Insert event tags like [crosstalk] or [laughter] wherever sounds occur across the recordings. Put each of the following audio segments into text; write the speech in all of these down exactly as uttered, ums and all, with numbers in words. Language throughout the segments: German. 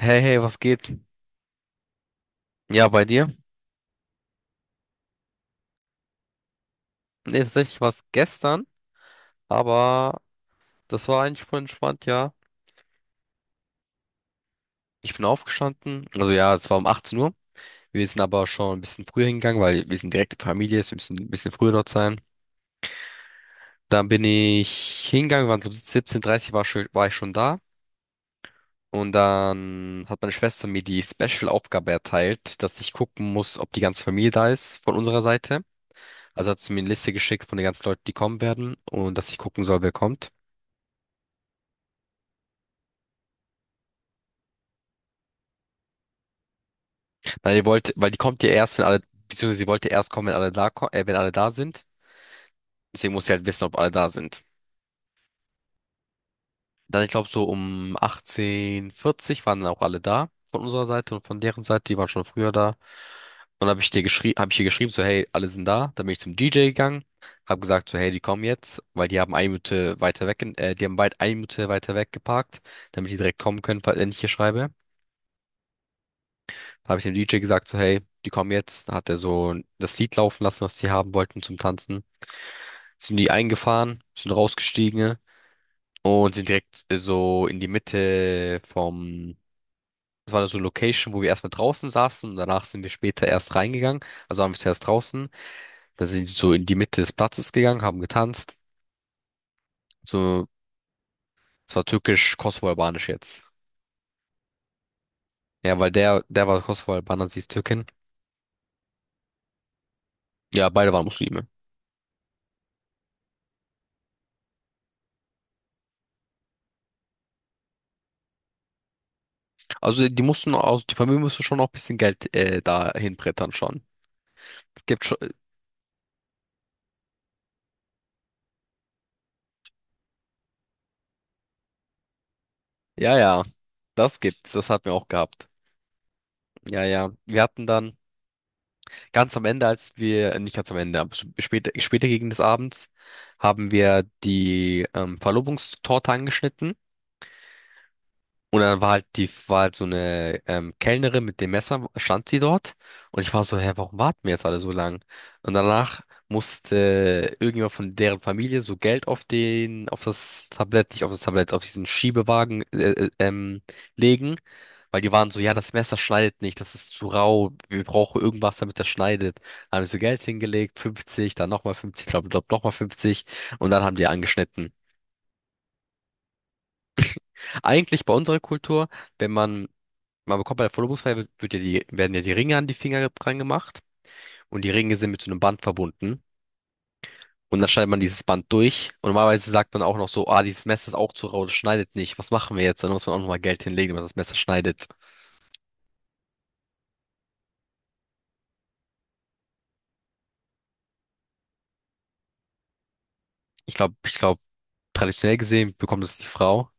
Hey, hey, was geht? Ja, bei dir? Nee, tatsächlich war es gestern, aber das war eigentlich voll entspannt, ja. Ich bin aufgestanden, also ja, es war um 18 Uhr. Wir sind aber schon ein bisschen früher hingegangen, weil wir sind direkte Familie, es müssen ein bisschen früher dort sein. Dann bin ich hingegangen, waren so siebzehn Uhr dreißig, war, schon- war ich schon da. Und dann hat meine Schwester mir die Special-Aufgabe erteilt, dass ich gucken muss, ob die ganze Familie da ist von unserer Seite. Also hat sie mir eine Liste geschickt von den ganzen Leuten, die kommen werden und dass ich gucken soll, wer kommt. Weil die wollte, weil die kommt ja erst, wenn alle, beziehungsweise sie wollte erst kommen, wenn alle da, ko- äh, wenn alle da sind. Deswegen muss sie halt wissen, ob alle da sind. Dann, ich glaube, so um achtzehn Uhr vierzig waren dann auch alle da von unserer Seite und von deren Seite, die waren schon früher da. Und habe ich dir geschrieben, habe ich ihr geschrieben, so, hey, alle sind da. Dann bin ich zum D J gegangen, habe gesagt, so, hey, die kommen jetzt, weil die haben eine Minute weiter weg, in- äh, die haben weit eine Minute weiter weg geparkt, damit die direkt kommen können, falls wenn ich hier schreibe. Da habe ich dem D J gesagt, so, hey, die kommen jetzt. Da hat er so das Lied laufen lassen, was die haben wollten zum Tanzen. Sind die eingefahren, sind rausgestiegen, ne? Und sind direkt äh, so in die Mitte vom, das war so eine Location, wo wir erstmal draußen saßen und danach sind wir später erst reingegangen. Also waren wir zuerst draußen, dann sind sie so in die Mitte des Platzes gegangen, haben getanzt. So, es war türkisch-kosovo-albanisch jetzt. Ja, weil der, der war Kosovo-Albaner, sie ist Türkin. Ja, beide waren Muslime. Also die mussten auch, die Familie musste schon auch ein bisschen Geld äh, da hinbrettern schon. Es gibt schon, ja, ja, das gibt's, das hatten wir auch gehabt. Ja, ja, wir hatten dann ganz am Ende, als wir, äh, nicht ganz am Ende, aber später, später gegen des Abends, haben wir die ähm, Verlobungstorte angeschnitten. Und dann war halt die, war halt so eine ähm, Kellnerin mit dem Messer, stand sie dort. Und ich war so, hä, warum warten wir jetzt alle so lang? Und danach musste irgendjemand von deren Familie so Geld auf den, auf das Tablett, nicht auf das Tablett, auf diesen Schiebewagen äh, äh, ähm, legen. Weil die waren so, ja, das Messer schneidet nicht, das ist zu rau, wir brauchen irgendwas, damit das schneidet. Dann haben wir so Geld hingelegt, fünfzig, dann nochmal fünfzig, glaub, glaub, nochmal fünfzig und dann haben die angeschnitten. Eigentlich bei unserer Kultur, wenn man, man bekommt bei der Verlobungsfeier wird, ja die, werden ja die Ringe an die Finger dran gemacht und die Ringe sind mit so einem Band verbunden. Und dann schneidet man dieses Band durch. Und normalerweise sagt man auch noch so, ah, dieses Messer ist auch zu rau, das schneidet nicht. Was machen wir jetzt? Dann muss man auch nochmal Geld hinlegen, wenn man das Messer schneidet. Ich glaube, ich glaube, traditionell gesehen bekommt es die Frau,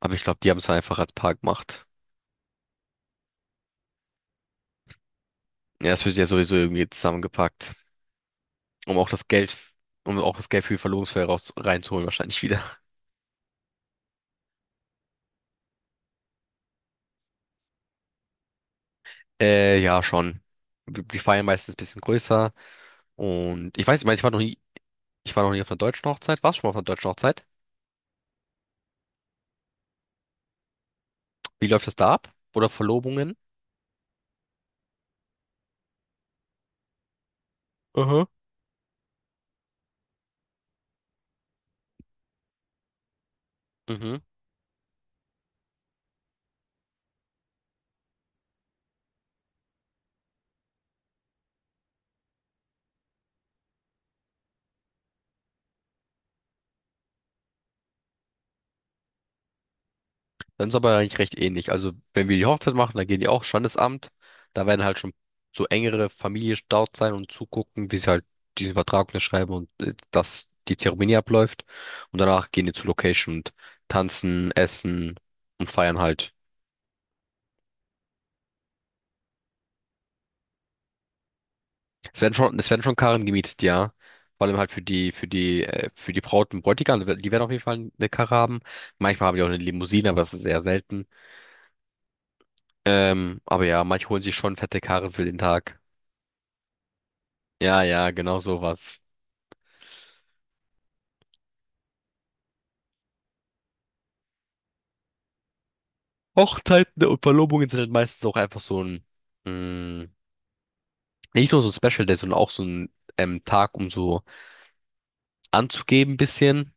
aber ich glaube, die haben es einfach als Paar gemacht. Ja, es wird ja sowieso irgendwie zusammengepackt, um auch das Geld, um auch das Geld für die Verlobungsfeier raus, reinzuholen, wahrscheinlich wieder. Äh, ja, schon. Die die feiern meistens ein bisschen größer. Und ich weiß, ich meine, ich war noch nie Ich war noch nie auf einer deutschen Hochzeit. Warst du schon mal auf einer deutschen Hochzeit? Wie läuft das da ab? Oder Verlobungen? Aha. Mhm. Dann ist aber eigentlich recht ähnlich. Also, wenn wir die Hochzeit machen, dann gehen die auch Standesamt. Da werden halt schon so engere Familie dort sein und zugucken, wie sie halt diesen Vertrag unterschreiben und äh, dass die Zeremonie abläuft. Und danach gehen die zur Location und tanzen, essen und feiern halt. Es werden schon, es werden schon Karren gemietet, ja. Vor allem halt für die, für die, äh, für die Braut und Bräutigam, die werden auf jeden Fall eine Karre haben. Manchmal haben die auch eine Limousine, aber das ist eher selten. Ähm, aber ja, manche holen sich schon fette Karren für den Tag. Ja, ja, genau sowas. Hochzeiten und Verlobungen sind halt meistens auch einfach so ein, mh, nicht nur so ein Special Day, sondern auch so ein ähm, Tag, um so anzugeben bisschen.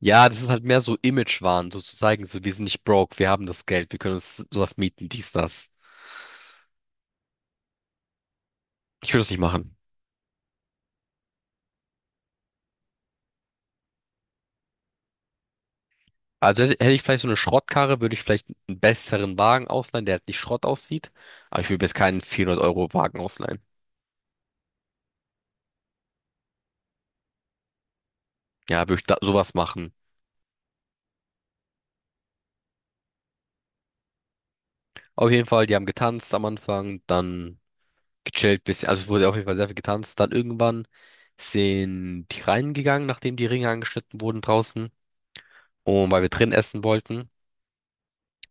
Ja, das ist halt mehr so Image-Wahn, so zu zeigen, so wir sind nicht broke, wir haben das Geld, wir können uns sowas mieten, dies, das. Ich würde das nicht machen. Also hätte hätte ich vielleicht so eine Schrottkarre, würde ich vielleicht einen besseren Wagen ausleihen, der halt nicht Schrott aussieht. Aber ich würde jetzt keinen vierhundert-Euro-Wagen ausleihen. Ja, würde ich da sowas machen. Auf jeden Fall, die haben getanzt am Anfang, dann gechillt bisschen. Also es wurde auf jeden Fall sehr viel getanzt. Dann irgendwann sind die reingegangen, nachdem die Ringe angeschnitten wurden draußen. Und weil wir drin essen wollten.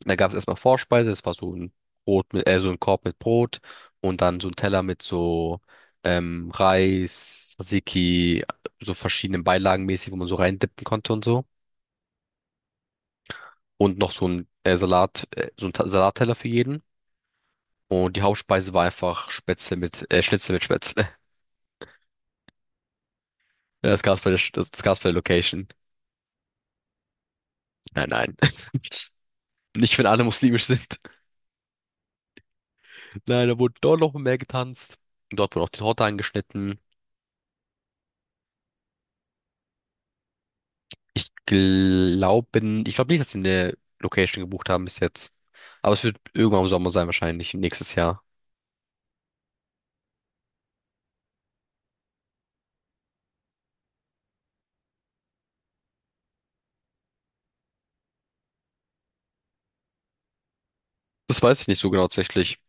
Da gab es erstmal Vorspeise, es war so ein Brot mit, äh, so ein Korb mit Brot und dann so ein Teller mit so ähm, Reis, Tzatziki, so verschiedenen Beilagen mäßig, wo man so reindippen konnte und so. Und noch so ein äh, Salat, äh, so ein Ta- Salatteller für jeden. Und die Hauptspeise war einfach Spätzle mit, äh, Schnitzel mit Spätzle. [laughs] Das gab's bei der, Sch- das, das gab's bei der Location. Nein, nein. [laughs] Nicht, wenn alle muslimisch sind. [laughs] Nein, da wurde dort noch mehr getanzt. Dort wurde auch die Torte angeschnitten. Ich glaube, Ich glaube nicht, dass sie eine Location gebucht haben bis jetzt. Aber es wird irgendwann im Sommer sein, wahrscheinlich nächstes Jahr. Das weiß ich nicht so genau tatsächlich.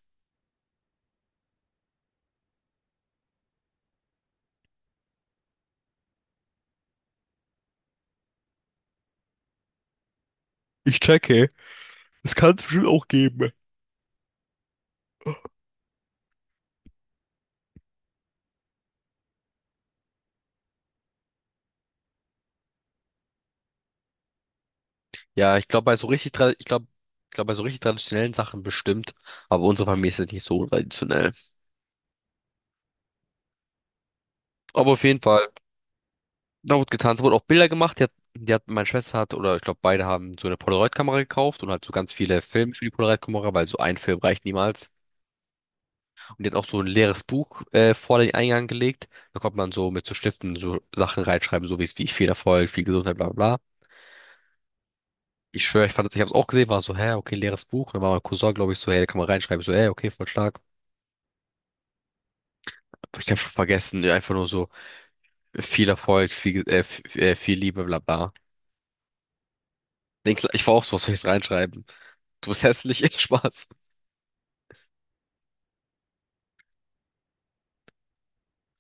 Ich checke. Es kann es bestimmt auch geben. Ja, ich glaube bei so richtig, tra- ich glaube, ich glaube bei so richtig traditionellen Sachen bestimmt. Aber unsere Familie ist jetzt nicht so traditionell. Aber auf jeden Fall, da wurde getan. Es wurden auch Bilder gemacht. Die hat, die hat, meine Schwester hat, oder ich glaube beide haben so eine Polaroid-Kamera gekauft und halt so ganz viele Filme für die Polaroid-Kamera, weil so ein Film reicht niemals. Und die hat auch so ein leeres Buch äh, vor den Eingang gelegt. Da konnte man so mit so Stiften so Sachen reinschreiben, so wie es wie ich viel Erfolg, viel Gesundheit, bla bla bla. Ich schwöre, ich fand das, ich habe es auch gesehen, war so, hä, okay, leeres Buch. Und dann war mein Cousin, glaube ich, so, hey, da kann man reinschreiben. Ich So, hey, okay, voll stark. Aber ich habe schon vergessen, ja, einfach nur so viel Erfolg, viel, äh, viel, äh, viel Liebe, bla bla. Den Kle- Ich war auch so, was soll ich reinschreiben? Du bist hässlich, [laughs] Spaß.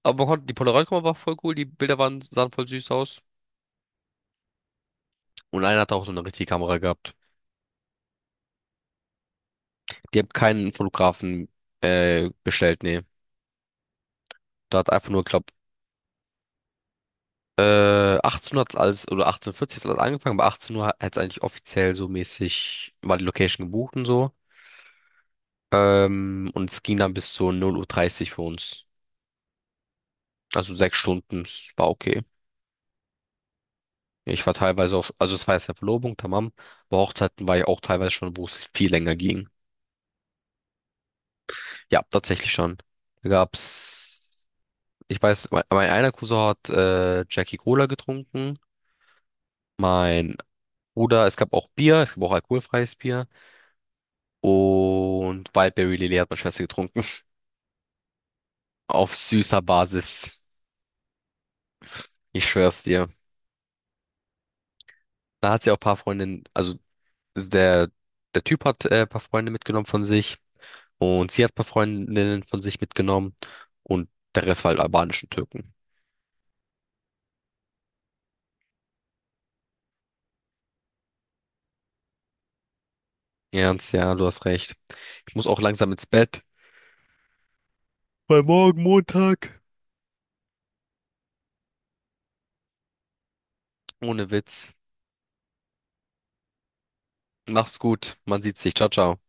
Aber man konnte, die Polaroid-Kamera war voll cool, die Bilder waren, sahen voll süß aus. Und einer hatte auch so eine richtige Kamera gehabt. Die haben keinen Fotografen äh, bestellt, nee. Da hat einfach nur, glaub, äh, achtzehn hat's alles, oder achtzehn Uhr vierzig hat's alles angefangen, aber 18 Uhr hat's eigentlich offiziell so mäßig, war die Location gebucht und so. Ähm, und es ging dann bis zu 0.30 Uhr dreißig für uns. Also sechs Stunden, es war okay. Ich war teilweise auch, also es war jetzt ja Verlobung, tamam. Bei Hochzeiten war ich auch teilweise schon, wo es viel länger ging. Ja, tatsächlich schon. Da gab's, ich weiß, mein, mein einer Cousin hat äh, Jackie Cola getrunken. Mein Bruder, es gab auch Bier, es gab auch alkoholfreies Bier. Und Wildberry Lilly hat meine Schwester getrunken. [laughs] Auf süßer Basis. Ich schwör's dir. Da hat sie auch ein paar Freundinnen, also der, der Typ hat äh, ein paar Freunde mitgenommen von sich. Und sie hat ein paar Freundinnen von sich mitgenommen. Und der Rest war halt albanischen Türken. Ernst, ja, du hast recht. Ich muss auch langsam ins Bett. Weil morgen Montag. Ohne Witz. Mach's gut. Man sieht sich. Ciao, ciao.